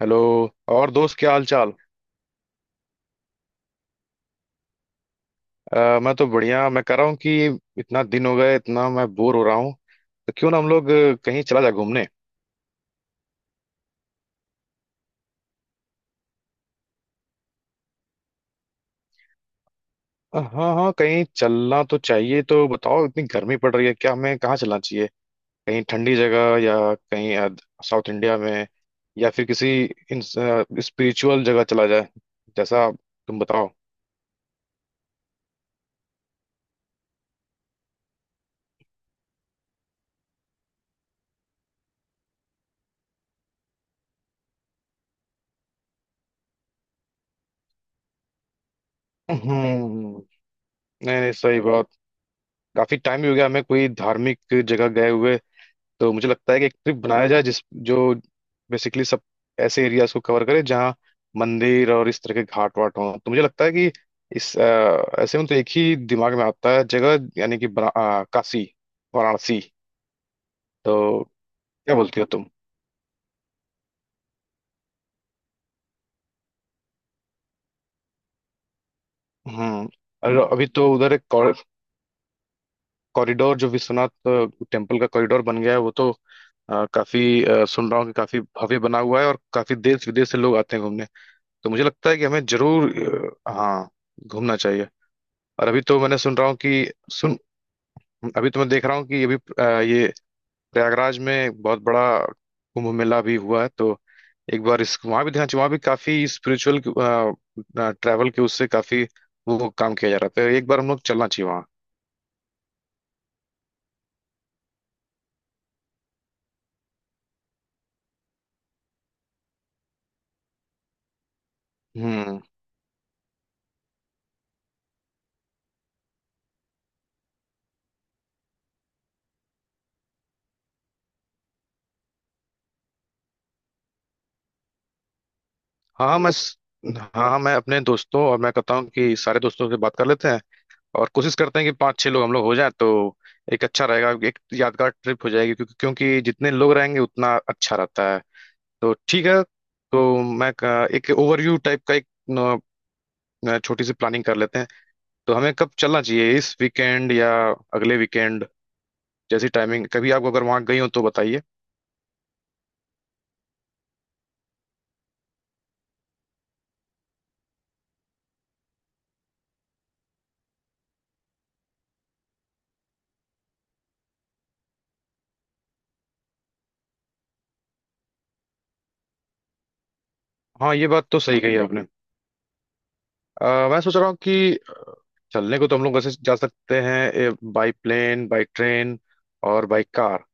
Hello. और दोस्त, क्या हाल चाल? मैं तो बढ़िया। मैं कह रहा हूँ कि इतना दिन हो गए, इतना मैं बोर हो रहा हूँ। तो क्यों ना हम लोग कहीं चला जाए घूमने। हाँ हाँ, कहीं चलना तो चाहिए। तो बताओ, इतनी गर्मी पड़ रही है, क्या हमें कहाँ चलना चाहिए? कहीं ठंडी जगह, या कहीं साउथ इंडिया में, या फिर किसी स्पिरिचुअल जगह चला जाए, जैसा तुम बताओ। हम्म। नहीं नहीं, सही बात। काफी टाइम भी हो गया हमें कोई धार्मिक जगह गए हुए। तो मुझे लगता है कि एक ट्रिप बनाया जाए जिस जो बेसिकली सब ऐसे एरियाज को कवर करे जहाँ मंदिर और इस तरह के घाट वाट हों। तो मुझे लगता है कि ऐसे में तो एक ही दिमाग में आता है जगह, यानी कि काशी, वाराणसी। तो क्या बोलती हो तुम? हम्म। और अभी तो उधर एक कॉरिडोर, जो विश्वनाथ टेम्पल का कॉरिडोर बन गया है, वो तो सुन रहा हूँ कि काफी भव्य बना हुआ है, और काफी देश विदेश से लोग आते हैं घूमने। तो मुझे लगता है कि हमें जरूर, हाँ, घूमना चाहिए। और अभी तो मैंने सुन रहा हूँ कि सुन अभी तो मैं देख रहा हूँ कि अभी ये प्रयागराज में बहुत बड़ा कुंभ मेला भी हुआ है। तो एक बार इस वहाँ भी ध्यान चाहिए। वहाँ भी काफी स्पिरिचुअल ट्रैवल के उससे काफी वो काम किया जा रहा था। एक बार हम लोग चलना चाहिए वहाँ। हम्म। हाँ हाँ, हाँ हाँ, मैं कहता हूँ कि सारे दोस्तों से बात कर लेते हैं, और कोशिश करते हैं कि पाँच छः लोग हम लोग हो जाएं। तो एक अच्छा रहेगा एक यादगार ट्रिप हो जाएगी, क्योंकि क्योंकि जितने लोग रहेंगे उतना अच्छा रहता है। तो ठीक है। तो एक ओवरव्यू टाइप का एक न, न, छोटी सी प्लानिंग कर लेते हैं। तो हमें कब चलना चाहिए, इस वीकेंड या अगले वीकेंड? जैसी टाइमिंग, कभी आप अगर वहां गई हो तो बताइए। हाँ, ये बात तो सही कही आपने। मैं सोच रहा हूँ कि चलने को तो हम लोग वैसे जा सकते हैं, बाई प्लेन, बाई ट्रेन, और बाई कार।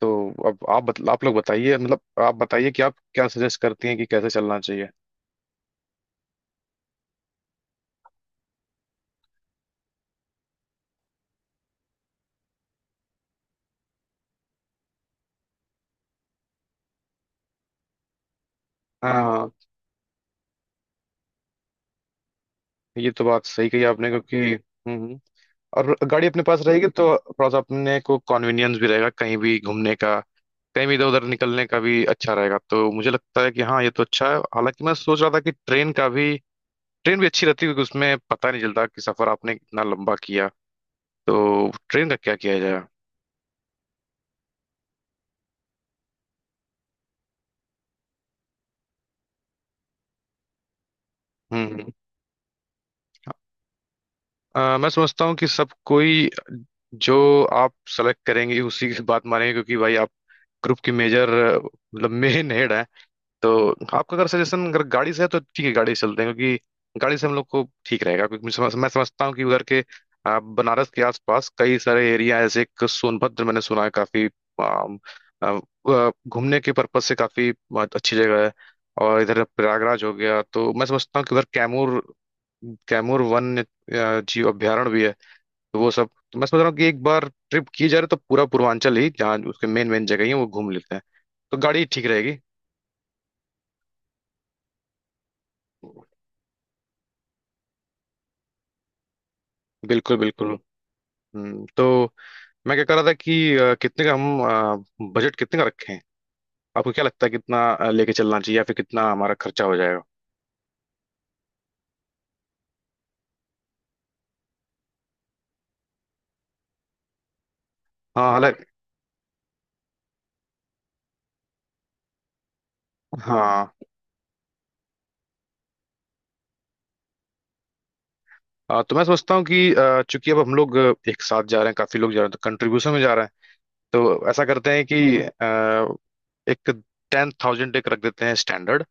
तो अब आप लोग बताइए, मतलब आप बताइए कि आप क्या सजेस्ट करती हैं कि कैसे चलना चाहिए। हाँ, ये तो बात सही कही आपने, क्योंकि हम्म। और गाड़ी अपने पास रहेगी तो थोड़ा सा अपने को कन्वीनियंस भी रहेगा कहीं भी घूमने का, कहीं भी इधर उधर निकलने का भी अच्छा रहेगा। तो मुझे लगता है कि हाँ, ये तो अच्छा है, हालांकि मैं सोच रहा था कि ट्रेन भी अच्छी रहती है, क्योंकि उसमें पता नहीं चलता कि सफर आपने कितना लंबा किया। तो ट्रेन का क्या किया जाए? हम्म, मैं समझता हूँ कि सब कोई जो आप सेलेक्ट करेंगे उसी की बात मानेंगे, क्योंकि भाई आप ग्रुप की मेजर, मतलब मेन हेड। तो आपका अगर सजेशन अगर गाड़ी से है तो ठीक है, गाड़ी से चलते हैं, क्योंकि गाड़ी से हम लोग को ठीक रहेगा। क्योंकि मैं समझता हूँ कि उधर के बनारस के आसपास कई सारे एरिया है, जैसे एक सोनभद्र मैंने सुना है काफी आम, आ, घूमने के पर्पज से काफी बहुत अच्छी जगह है। और इधर प्रयागराज हो गया। तो मैं समझता हूँ कि उधर कैमूर कैमूर वन जीव अभयारण्य भी है। तो वो सब तो मैं समझ रहा हूँ कि एक बार ट्रिप की जा रही है तो पूरा पूर्वांचल ही, जहाँ उसके मेन मेन जगह ही हैं, वो घूम लेते हैं। तो गाड़ी ठीक रहेगी। बिल्कुल, बिल्कुल। तो मैं क्या कह रहा था कि अ, कितने का हम अ, बजट कितने का रखें? आपको क्या लगता है कितना लेके चलना चाहिए, या फिर कितना हमारा खर्चा हो जाएगा? हाँ, हालांकि। हाँ, तो मैं सोचता हूँ कि चूंकि अब हम लोग एक साथ जा रहे हैं, काफी लोग जा रहे हैं तो कंट्रीब्यूशन में जा रहे हैं। तो ऐसा करते हैं कि एक 10,000 एक रख देते हैं स्टैंडर्ड।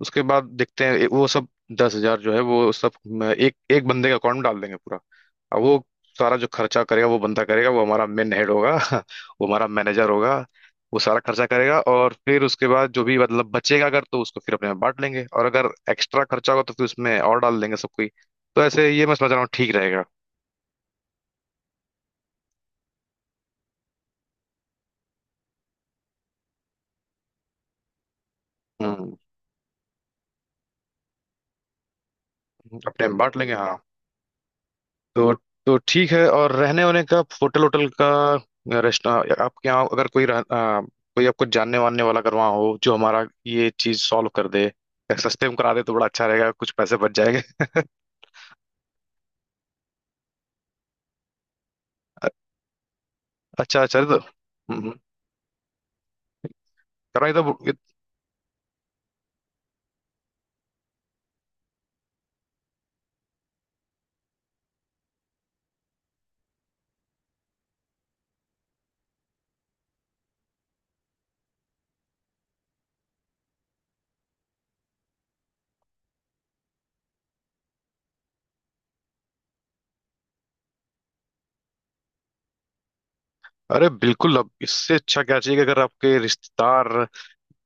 उसके बाद देखते हैं, वो सब 10,000 जो है वो सब एक एक बंदे के अकाउंट में डाल देंगे पूरा। अब वो सारा जो खर्चा करेगा वो बंदा करेगा, वो हमारा मेन हेड होगा। वो हमारा मैनेजर होगा। वो सारा खर्चा करेगा, और फिर उसके बाद जो भी मतलब बचेगा, अगर, तो उसको फिर अपने में बांट लेंगे, और अगर एक्स्ट्रा खर्चा होगा तो फिर उसमें और डाल देंगे सब कोई। तो ऐसे ये मैं समझ रहा हूँ ठीक रहेगा। हम्म। अपने में बांट लेंगे, हाँ। तो तो ठीक है, और रहने वहने का, होटल होटल का, रेस्टोरेंट, आपके यहाँ अगर कोई कोई आपको जानने वानने वाला अगर वहाँ हो जो हमारा ये चीज सॉल्व कर दे या सस्ते में करा दे तो बड़ा अच्छा रहेगा, कुछ पैसे बच जाएंगे। अच्छा, अच्छा। तो कराइए। तो अरे बिल्कुल, अब इससे अच्छा क्या चाहिए कि अगर आपके रिश्तेदार,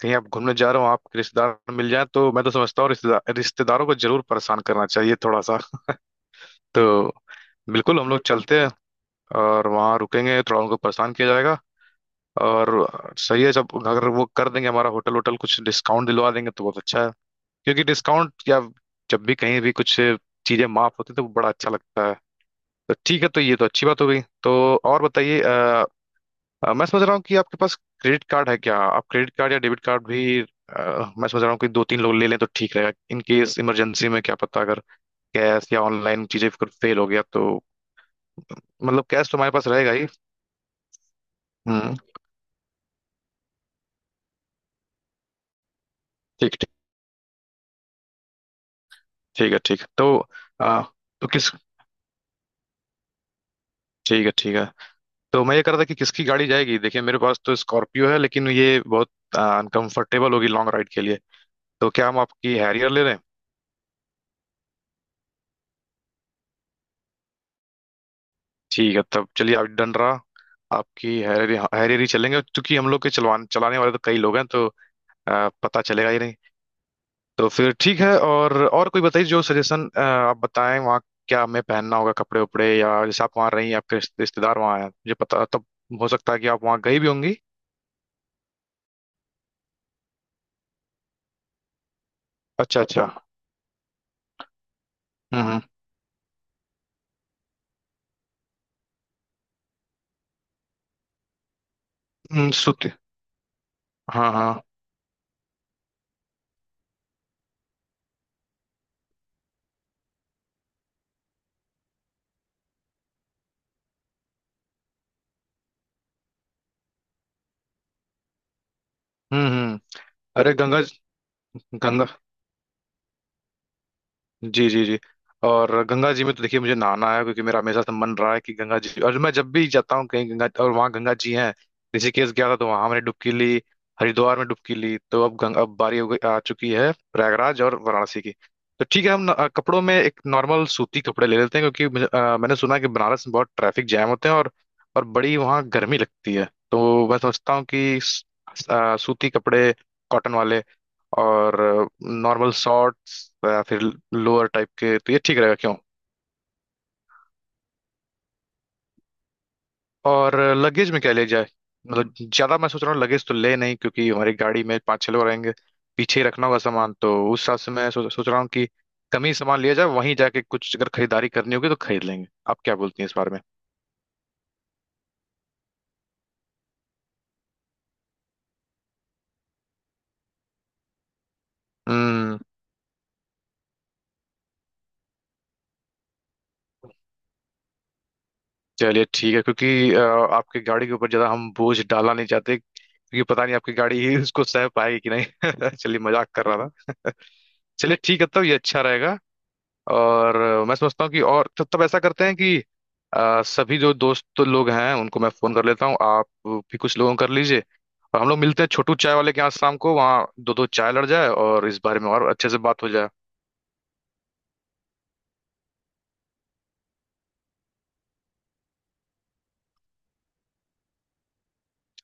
कहीं आप घूमने जा रहे हो आपके रिश्तेदार मिल जाए, तो मैं तो समझता हूँ रिश्तेदारों को जरूर परेशान करना चाहिए, थोड़ा सा। तो बिल्कुल, हम लोग चलते हैं और वहाँ रुकेंगे, थोड़ा उनको परेशान किया जाएगा। और सही है, जब अगर वो कर देंगे हमारा होटल होटल, कुछ डिस्काउंट दिलवा देंगे तो बहुत अच्छा है। क्योंकि डिस्काउंट, या जब भी कहीं भी कुछ चीजें माफ होती तो वो बड़ा अच्छा लगता है। तो ठीक है, तो ये तो अच्छी बात हो गई। तो और बताइए। मैं समझ रहा हूँ कि आपके पास क्रेडिट कार्ड है? क्या आप क्रेडिट कार्ड या डेबिट कार्ड भी, मैं समझ रहा हूँ कि दो तीन लोग ले लें तो ठीक रहेगा, इन केस इमरजेंसी में क्या पता, अगर कैश या ऑनलाइन चीजें अगर फेल हो गया तो। मतलब कैश तो हमारे पास रहेगा ही। हम्म। ठीक, ठीक। ठीक है, ठीक है। तो अ, तो किस ठीक है, ठीक है। तो मैं ये कर रहा था कि किसकी गाड़ी जाएगी। देखिए, मेरे पास तो स्कॉर्पियो है, लेकिन ये बहुत अनकंफर्टेबल होगी लॉन्ग राइड के लिए। तो क्या हम आपकी हैरियर ले लें? ठीक है, तब चलिए, आप डन रहा। आपकी हैरियर, हैरियर ही चलेंगे, क्योंकि हम लोग के चलवान चलाने वाले तो कई लोग हैं, तो पता चलेगा ही नहीं। तो फिर ठीक है, और कोई बताइए जो सजेशन आप बताएं, वहाँ क्या हमें पहनना होगा, कपड़े उपड़े, या जैसे आप वहाँ रही, आपके रिश्तेदार वहाँ हैं, मुझे पता, तब हो सकता है कि आप वहाँ गई भी होंगी। अच्छा, अच्छा। हम्म, हम्म। सूती। हाँ, हाँ। हम्म, हम्म। अरे, गंगा, गंगा जी, जी, जी। और गंगा जी में तो देखिए, मुझे नहाना है, क्योंकि मेरा हमेशा से मन रहा है कि गंगा जी, और मैं जब भी जाता हूँ कहीं गंगा, और वहाँ गंगा जी हैं। ऋषिकेश गया था, तो वहाँ हमने डुबकी ली। हरिद्वार में डुबकी ली। तो अब बारी हो गई आ चुकी है प्रयागराज और वाराणसी की। तो ठीक है, हम न, अ, कपड़ों में एक नॉर्मल सूती कपड़े ले लेते हैं, क्योंकि मैंने सुना है कि बनारस में बहुत ट्रैफिक जैम होते हैं, और बड़ी वहाँ गर्मी लगती है। तो मैं सोचता हूँ कि सूती कपड़े, कॉटन वाले, और नॉर्मल शॉर्ट्स या फिर लोअर टाइप के, तो ये ठीक रहेगा, क्यों? और लगेज में क्या ले जाए, मतलब ज्यादा मैं सोच रहा हूँ लगेज तो ले नहीं क्योंकि हमारी गाड़ी में पाँच छह लोग रहेंगे, पीछे ही रखना होगा सामान, तो उस हिसाब से मैं सोच सोच रहा हूँ कि कम ही सामान लिया जाए, वहीं जाके कुछ अगर खरीदारी करनी होगी तो खरीद लेंगे। आप क्या बोलती हैं इस बारे में? हम्म। चलिए ठीक है, क्योंकि आपकी गाड़ी के ऊपर ज्यादा हम बोझ डालना नहीं चाहते, क्योंकि पता नहीं आपकी गाड़ी ही उसको सह पाएगी कि नहीं। चलिए, मजाक कर रहा था। चलिए ठीक है, तब ये अच्छा रहेगा। और मैं समझता हूँ कि और तब तब ऐसा करते हैं कि सभी जो दोस्त लोग हैं उनको मैं फोन कर लेता हूँ, आप भी कुछ लोगों को कर लीजिए, और हम लोग मिलते हैं छोटू चाय वाले के यहाँ शाम को, वहाँ दो दो चाय लड़ जाए और इस बारे में और अच्छे से बात हो जाए।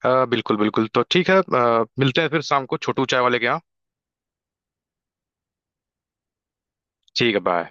हाँ, बिल्कुल, बिल्कुल। तो ठीक है, मिलते हैं फिर शाम को छोटू चाय वाले के यहाँ। ठीक है, बाय।